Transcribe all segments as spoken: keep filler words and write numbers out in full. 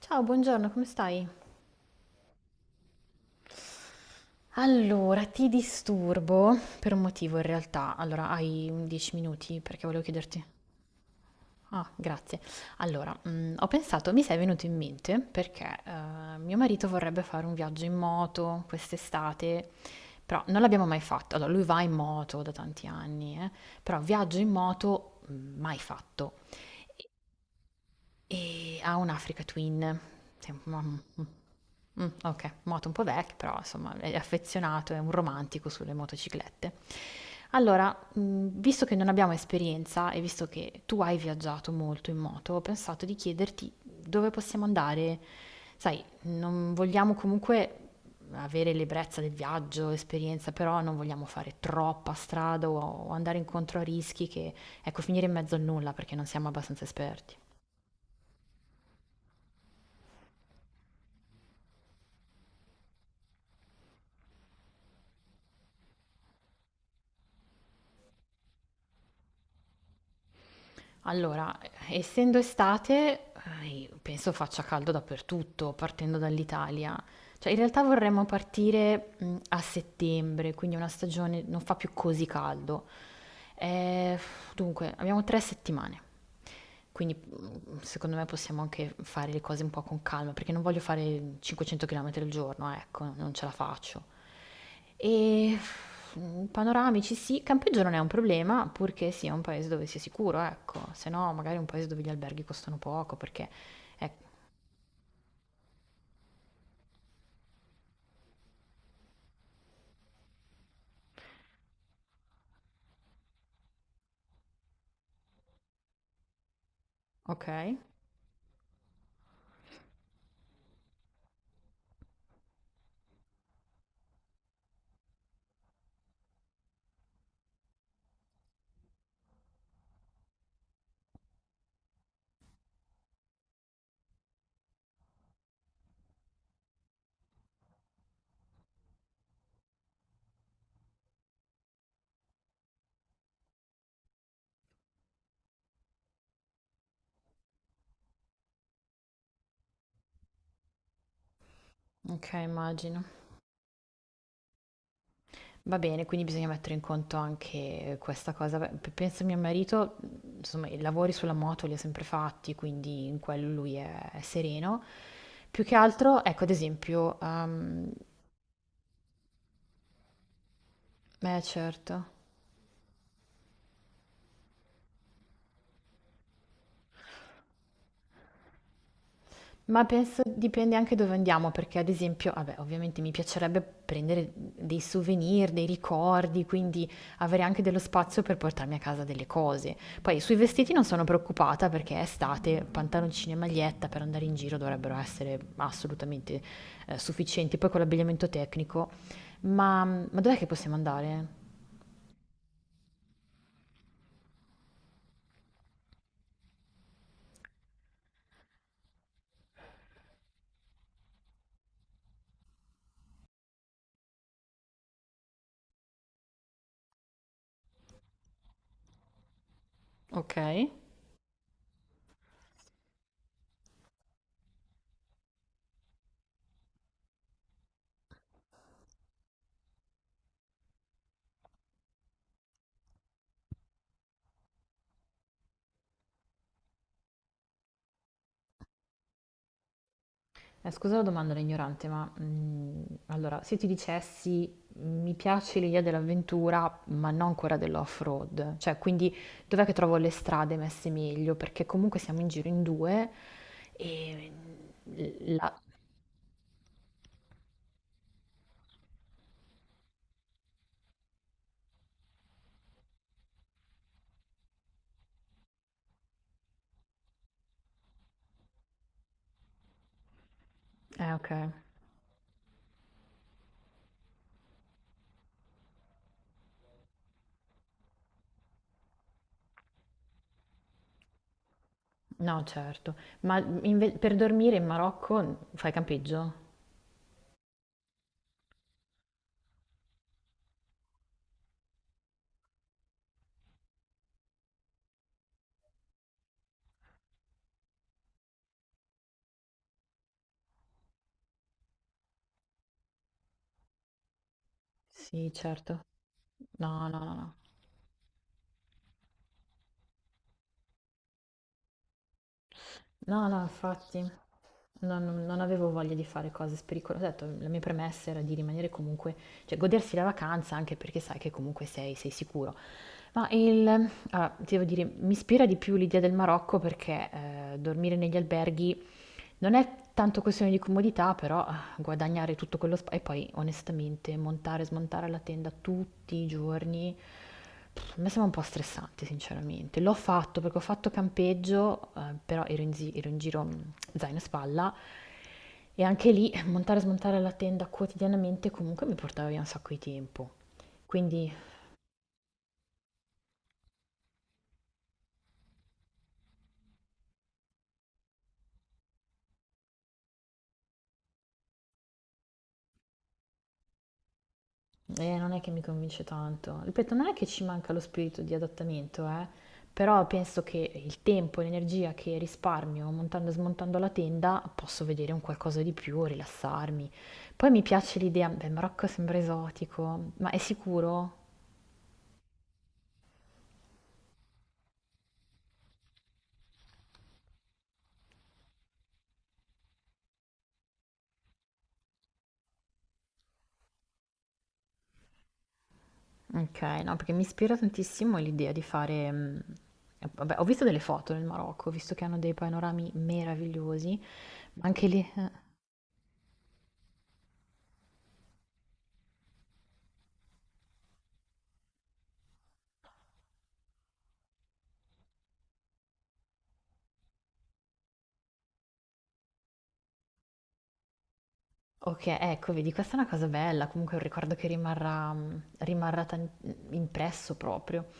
Ciao, buongiorno, come stai? Allora, ti disturbo per un motivo in realtà. Allora, hai un dieci minuti perché volevo chiederti. Ah, grazie. Allora, mm, ho pensato, mi sei venuto in mente perché eh, mio marito vorrebbe fare un viaggio in moto quest'estate, però non l'abbiamo mai fatto. Allora, lui va in moto da tanti anni, eh, però viaggio in moto mm, mai fatto. E ha un Africa Twin. Sì, ma- mm, mm, Mm, ok, moto un po' vecchia, però insomma è affezionato, è un romantico sulle motociclette. Allora, mh, visto che non abbiamo esperienza e visto che tu hai viaggiato molto in moto, ho pensato di chiederti dove possiamo andare. Sai, non vogliamo comunque avere l'ebbrezza del viaggio, esperienza, però non vogliamo fare troppa strada o, o andare incontro a rischi che, ecco, finire in mezzo al nulla perché non siamo abbastanza esperti. Allora, essendo estate, eh, penso faccia caldo dappertutto, partendo dall'Italia. Cioè, in realtà vorremmo partire mh, a settembre, quindi una stagione non fa più così caldo. Eh, Dunque, abbiamo tre settimane. Quindi mhmm, secondo me possiamo anche fare le cose un po' con calma, perché non voglio fare cinquecento chilometri al giorno, eh, ecco, non ce la faccio. E mhmm, panoramici sì, campeggio non è un problema, purché sia un paese dove sia sicuro, ecco, se no magari un paese dove gli alberghi costano poco perché eh, okay, okay, immagino. Va bene, quindi bisogna mettere in conto anche questa cosa. Beh, p- penso a mio marito, insomma, i lavori sulla moto li ha sempre fatti, quindi in quello lui è, è sereno. Più che altro, ecco, ad esempio, ehm, eh certo. Ma penso dipende anche dove andiamo, perché ad esempio, vabbè, ovviamente mi piacerebbe prendere dei souvenir, dei ricordi, quindi avere anche dello spazio per portarmi a casa delle cose. Poi sui vestiti non sono preoccupata perché è estate, pantaloncini e maglietta per andare in giro dovrebbero essere assolutamente eh, sufficienti, poi con l'abbigliamento tecnico. Ma, ma dov'è che possiamo andare? Ok? Eh, scusa la domanda da ignorante, ma mm, allora, se ti dicessi mm, mi piace l'idea dell'avventura, ma non quella dell'off-road, cioè quindi dov'è che trovo le strade messe meglio? Perché comunque siamo in giro in due. e mm, la... Eh, ok, no, certo. Ma mm, inve- per dormire in Marocco mm, fai campeggio? Sì, certo. No, no, no, no. No, no, infatti. Non, non avevo voglia di fare cose pericolose. Ho detto, la mia premessa era di rimanere comunque, cioè godersi la vacanza anche perché sai che comunque sei, sei sicuro. Ma il, allora, ti devo dire, mi ispira di più l'idea del Marocco perché eh, dormire negli alberghi non è tanto questione di comodità, però ah, guadagnare tutto quello spazio e poi onestamente montare e smontare la tenda tutti i giorni, pff, mi sembra un po' stressante sinceramente. L'ho fatto perché ho fatto campeggio, eh, però ero in, zi- ero in giro mh, zaino e spalla e anche lì eh, montare e smontare la tenda quotidianamente comunque mi portava via un sacco di tempo. Quindi Eh, non è che mi convince tanto. Ripeto, non è che ci manca lo spirito di adattamento, eh, però penso che il tempo e l'energia che risparmio montando e smontando la tenda posso vedere un qualcosa di più, rilassarmi. Poi mi piace l'idea, beh, Marocco sembra esotico, ma è sicuro? Ok, no, perché mi ispira tantissimo l'idea di fare... mm, vabbè, ho visto delle foto nel Marocco, ho visto che hanno dei panorami meravigliosi, ma anche lì... eh, okay, ecco vedi questa è una cosa bella, comunque è un ricordo che rimarrà mhmm, rimarrà tan mhmm, impresso proprio.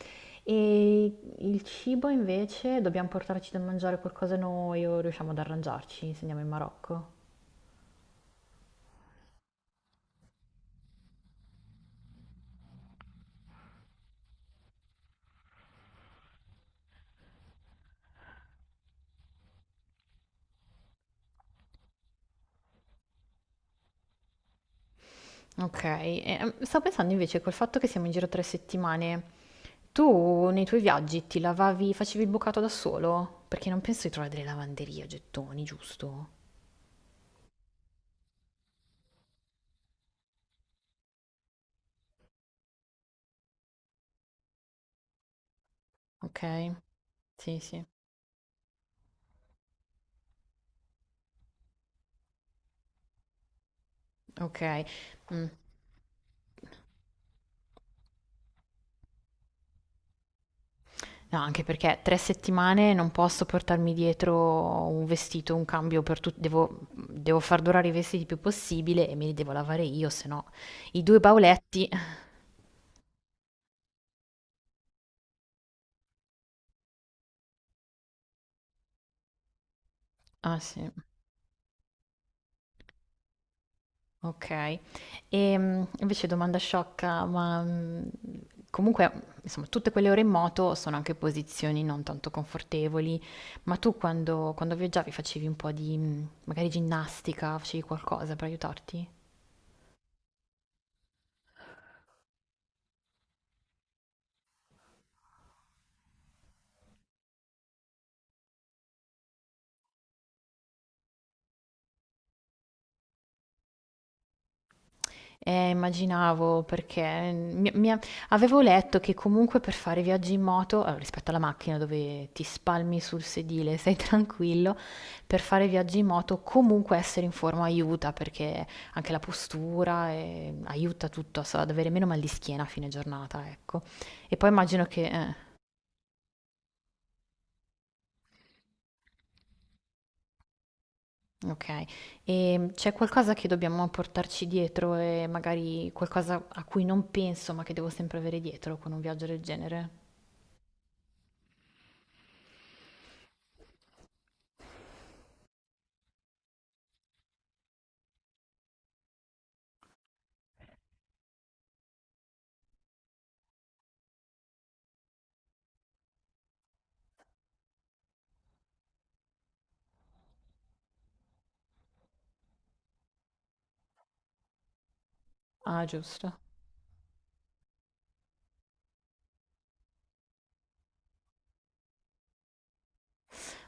E il cibo invece, dobbiamo portarci da mangiare qualcosa noi o riusciamo ad arrangiarci se andiamo in Marocco? Okay, e, ehm, stavo pensando invece col fatto che siamo in giro tre settimane, tu nei tuoi viaggi ti lavavi facevi il bucato da solo? Perché non penso di trovare delle lavanderie a gettoni, giusto? Okay, sì, sì, okay. Mh. No, anche perché tre settimane non posso portarmi dietro un vestito, un cambio per tutti, devo, devo far durare i vestiti il più possibile e me li devo lavare io, se no i due bauletti. Ah sì, ok. E mm, invece domanda sciocca, ma mm, comunque, insomma, tutte quelle ore in moto sono anche posizioni non tanto confortevoli, ma tu quando, quando viaggiavi facevi un po' di, mm, magari ginnastica, facevi qualcosa per aiutarti? Eh, immaginavo perché mm, mi- mi ha- avevo letto che comunque per fare viaggi in moto, allora, rispetto alla macchina dove ti spalmi sul sedile, sei tranquillo, per fare viaggi in moto comunque essere in forma aiuta perché anche la postura eh, aiuta tutto so, ad avere meno mal di schiena a fine giornata, ecco. E poi immagino che... eh, ok, e mm, c'è qualcosa che dobbiamo portarci dietro e magari qualcosa a cui non penso ma che devo sempre avere dietro con un viaggio del genere? Ah, giusto.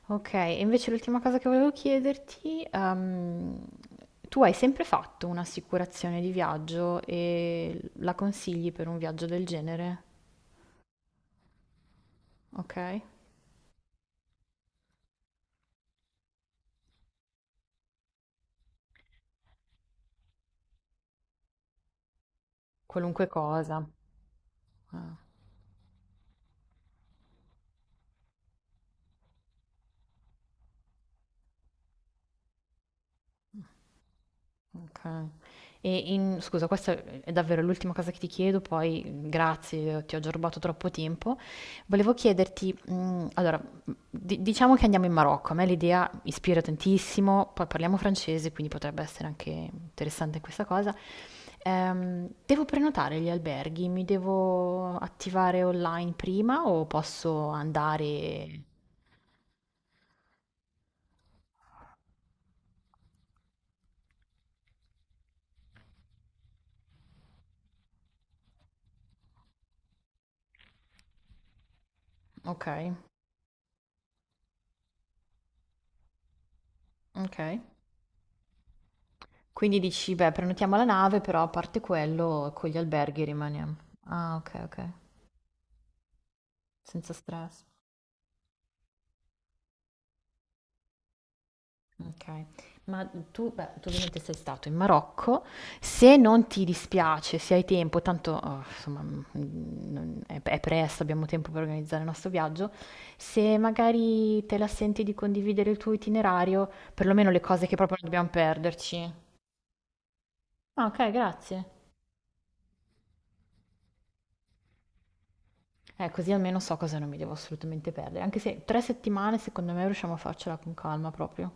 Ok, e invece l'ultima cosa che volevo chiederti, ehm, tu hai sempre fatto un'assicurazione di viaggio e la consigli per un viaggio del genere? Ok? Qualunque cosa. Eh. Okay. E in scusa, questa è davvero l'ultima cosa che ti chiedo, poi mm, grazie, ti ho già rubato troppo tempo. Volevo chiederti, mhmm, allora, mhmm, di diciamo che andiamo in Marocco, a me l'idea ispira tantissimo, poi parliamo francese, quindi potrebbe essere anche interessante questa cosa. Ehm, devo prenotare gli alberghi? Mi devo attivare online prima o posso andare. Okay, okay. Quindi dici, beh, prenotiamo la nave, però a parte quello, con gli alberghi rimaniamo. Ah, ok, ok, senza stress. Ok, ma tu, beh, tu ovviamente sei stato in Marocco, se non ti dispiace, se hai tempo, tanto oh, insomma mm, non- è, è presto, abbiamo tempo per organizzare il nostro viaggio, se magari te la senti di condividere il tuo itinerario, perlomeno le cose che proprio non dobbiamo perderci. Ah, ok, grazie. Eh, così almeno so cosa non mi devo assolutamente perdere, anche se tre settimane secondo me riusciamo a farcela con calma proprio.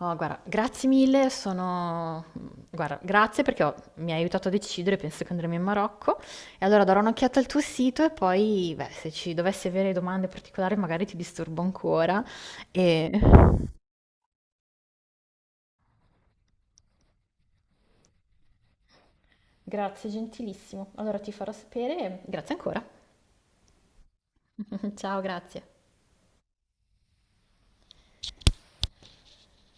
Oh, guarda, grazie mille, sono... mm, guarda, grazie perché ho- mi hai aiutato a decidere, penso che andremo in Marocco. E allora darò un'occhiata al tuo sito e poi, beh, se ci dovessi avere domande particolari magari ti disturbo ancora. E... Grazie, gentilissimo. Allora ti farò sapere. E grazie ancora. Ciao, grazie.